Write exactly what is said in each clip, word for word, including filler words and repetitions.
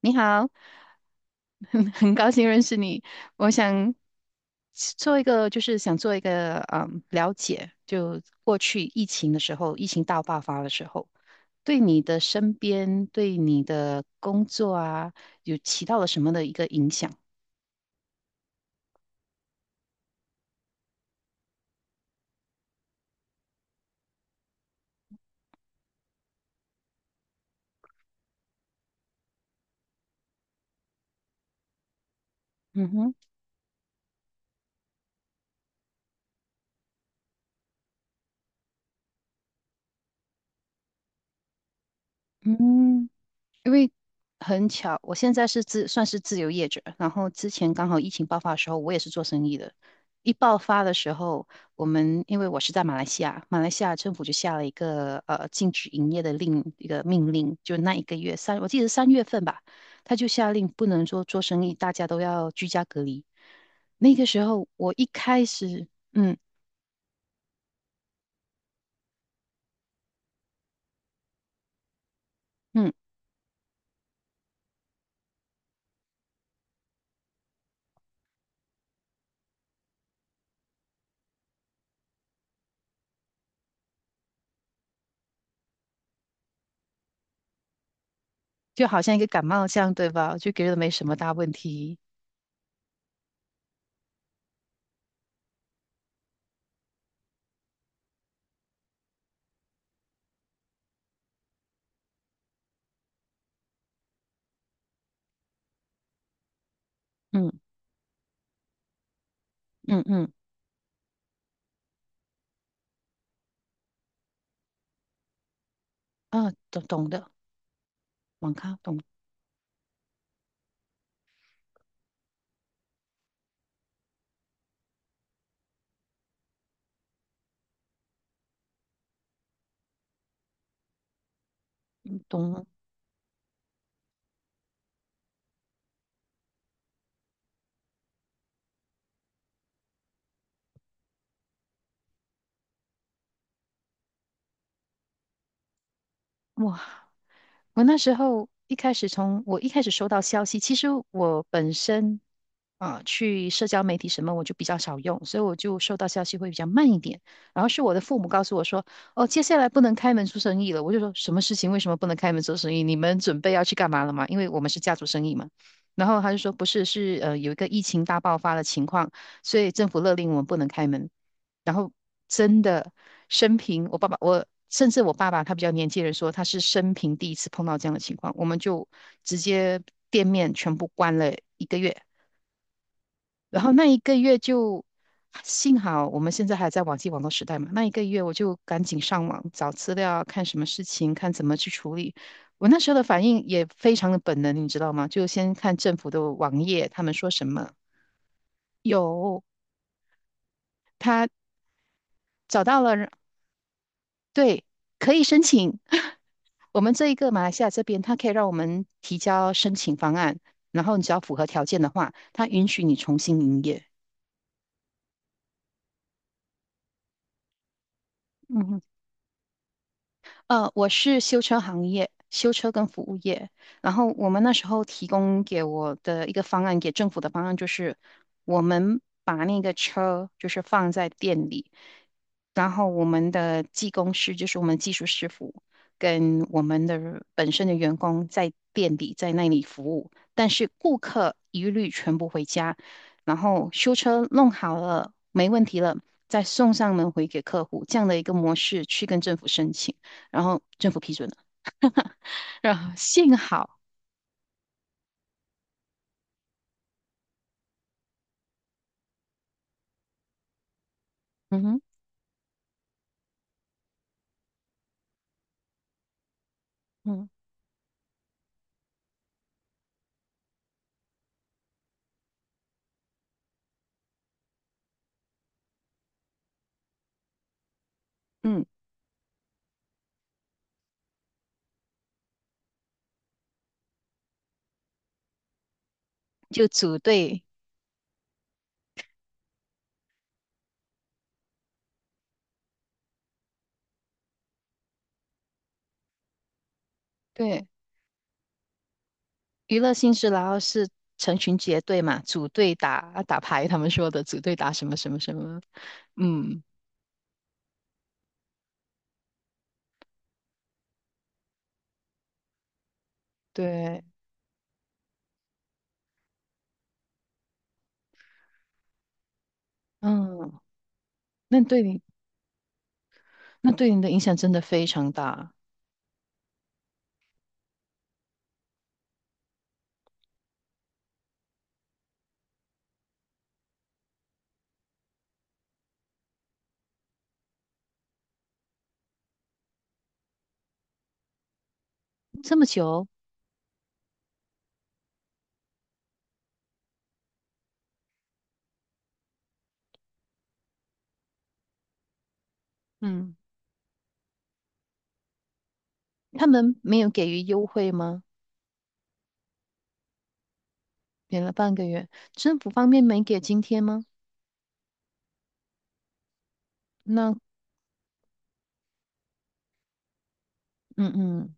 你好，很很高兴认识你。我想做一个，就是想做一个嗯了解，就过去疫情的时候，疫情大爆发的时候，对你的身边，对你的工作啊，有起到了什么的一个影响？嗯哼。嗯。因为很巧，我现在是自算是自由业者，然后之前刚好疫情爆发的时候，我也是做生意的。一爆发的时候，我们因为我是在马来西亚，马来西亚政府就下了一个呃禁止营业的另一个命令，就那一个月三，我记得是三月份吧，他就下令不能说做生意，大家都要居家隔离。那个时候我一开始，嗯嗯，就好像一个感冒这样，对吧？就觉得没什么大问题。嗯嗯嗯。啊，懂懂的。网咖懂。懂。哇！我那时候一开始从我一开始收到消息，其实我本身啊、去社交媒体什么我就比较少用，所以我就收到消息会比较慢一点。然后是我的父母告诉我说，哦，接下来不能开门做生意了。我就说什么事情？为什么不能开门做生意？你们准备要去干嘛了吗？因为我们是家族生意嘛。然后他就说不是，是呃有一个疫情大爆发的情况，所以政府勒令我们不能开门。然后真的生平，我爸爸，我甚至我爸爸他比较年纪的人说，他是生平第一次碰到这样的情况，我们就直接店面全部关了一个月，然后那一个月就幸好我们现在还在网际网络时代嘛，那一个月我就赶紧上网找资料，看什么事情，看怎么去处理。我那时候的反应也非常的本能，你知道吗？就先看政府的网页，他们说什么。有，他找到了，对，可以申请。我们这一个马来西亚这边，它可以让我们提交申请方案，然后你只要符合条件的话，它允许你重新营业。嗯哼。呃，我是修车行业，修车跟服务业。然后我们那时候提供给我的一个方案，给政府的方案就是，我们把那个车就是放在店里，然后我们的技工师就是我们技术师傅跟我们的本身的员工在店里在那里服务，但是顾客一律全部回家，然后修车弄好了，没问题了，再送上门回给客户，这样的一个模式去跟政府申请。然后政府批准了，然后幸好。嗯哼。嗯。嗯。就组队。对，娱乐性质，然后是成群结队嘛，组队打打牌，他们说的组队打什么什么什么。嗯。对。嗯。那对你，那对你的影响真的非常大。这么久。嗯。他们没有给予优惠吗？给了半个月，政府方面没给津贴吗？那，嗯嗯。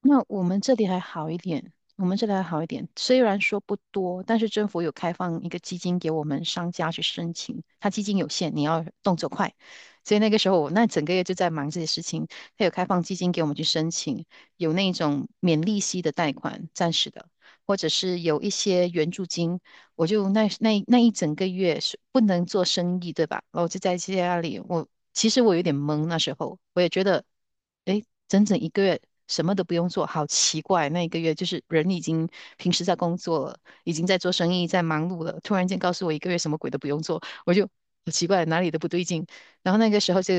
那我们这里还好一点，我们这里还好一点，虽然说不多，但是政府有开放一个基金给我们商家去申请，它基金有限，你要动作快，所以那个时候我那整个月就在忙这些事情，它有开放基金给我们去申请，有那种免利息的贷款，暂时的，或者是有一些援助金，我就那那那一整个月是不能做生意，对吧？然后我就在家里，我其实我有点懵，那时候我也觉得，诶，整整一个月什么都不用做，好奇怪。那一个月就是人已经平时在工作了，已经在做生意，在忙碌了，突然间告诉我一个月什么鬼都不用做，我就好奇怪，哪里都不对劲。然后那个时候就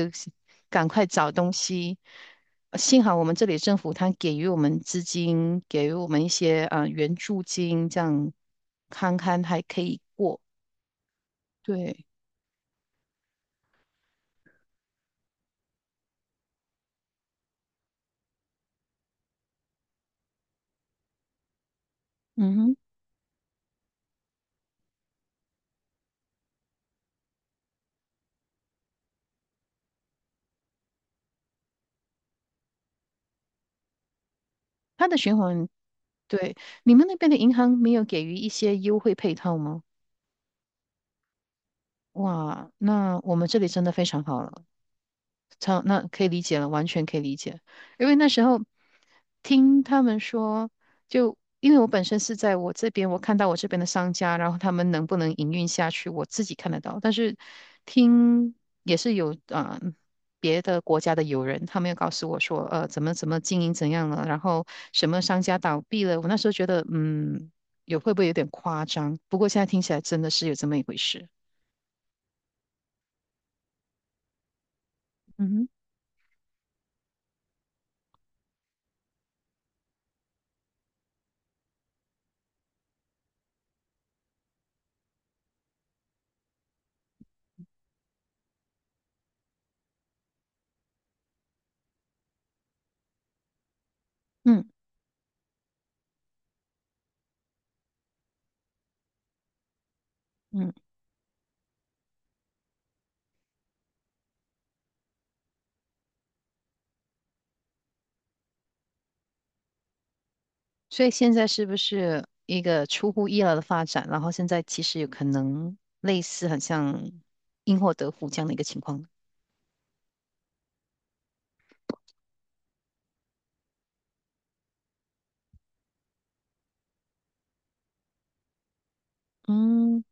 赶快找东西。幸好我们这里政府它给予我们资金，给予我们一些啊、呃援助金，这样看看还可以过。对。嗯哼。它的循环。对。你们那边的银行没有给予一些优惠配套吗？哇，那我们这里真的非常好了。超，那可以理解了，完全可以理解。因为那时候听他们说，就因为我本身是在我这边，我看到我这边的商家，然后他们能不能营运下去，我自己看得到。但是听也是有啊、呃别的国家的友人，他们又告诉我说，呃，怎么怎么经营怎样了，然后什么商家倒闭了。我那时候觉得，嗯，有会不会有点夸张？不过现在听起来真的是有这么一回事。嗯哼。嗯嗯。所以现在是不是一个出乎意料的发展？然后现在其实有可能类似，很像因祸得福这样的一个情况。嗯。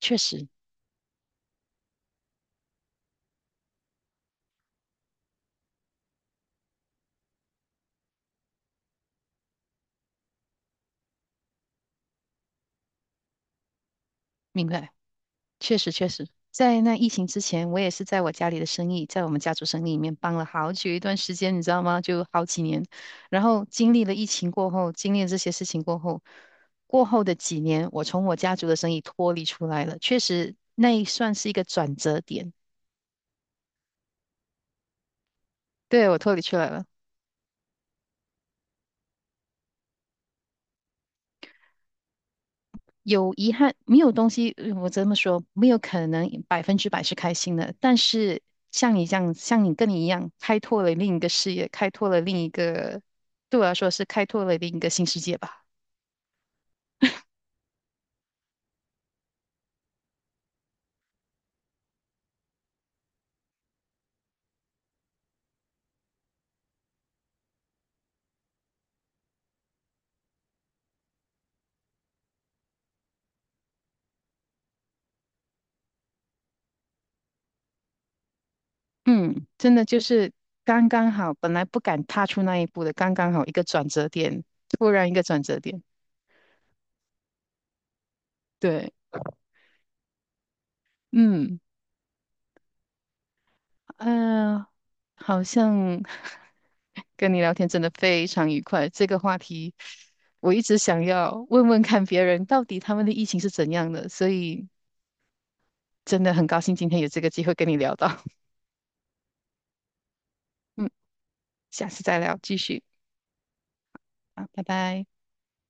确实。明白。确实确实，在那疫情之前，我也是在我家里的生意，在我们家族生意里面帮了好久一段时间，你知道吗？就好几年。然后经历了疫情过后，经历了这些事情过后，过后的几年，我从我家族的生意脱离出来了，确实那算是一个转折点。对，我脱离出来了。有遗憾，没有东西，呃我这么说，没有可能百分之百是开心的。但是像你这样，像你跟你一样，开拓了另一个视野，开拓了另一个，对我来说是开拓了另一个新世界吧。嗯，真的就是刚刚好，本来不敢踏出那一步的，刚刚好一个转折点，突然一个转折点。对。嗯。嗯、好像 跟你聊天真的非常愉快。这个话题我一直想要问问看别人到底他们的疫情是怎样的，所以真的很高兴今天有这个机会跟你聊到。嗯。下次再聊，继续。好，拜拜。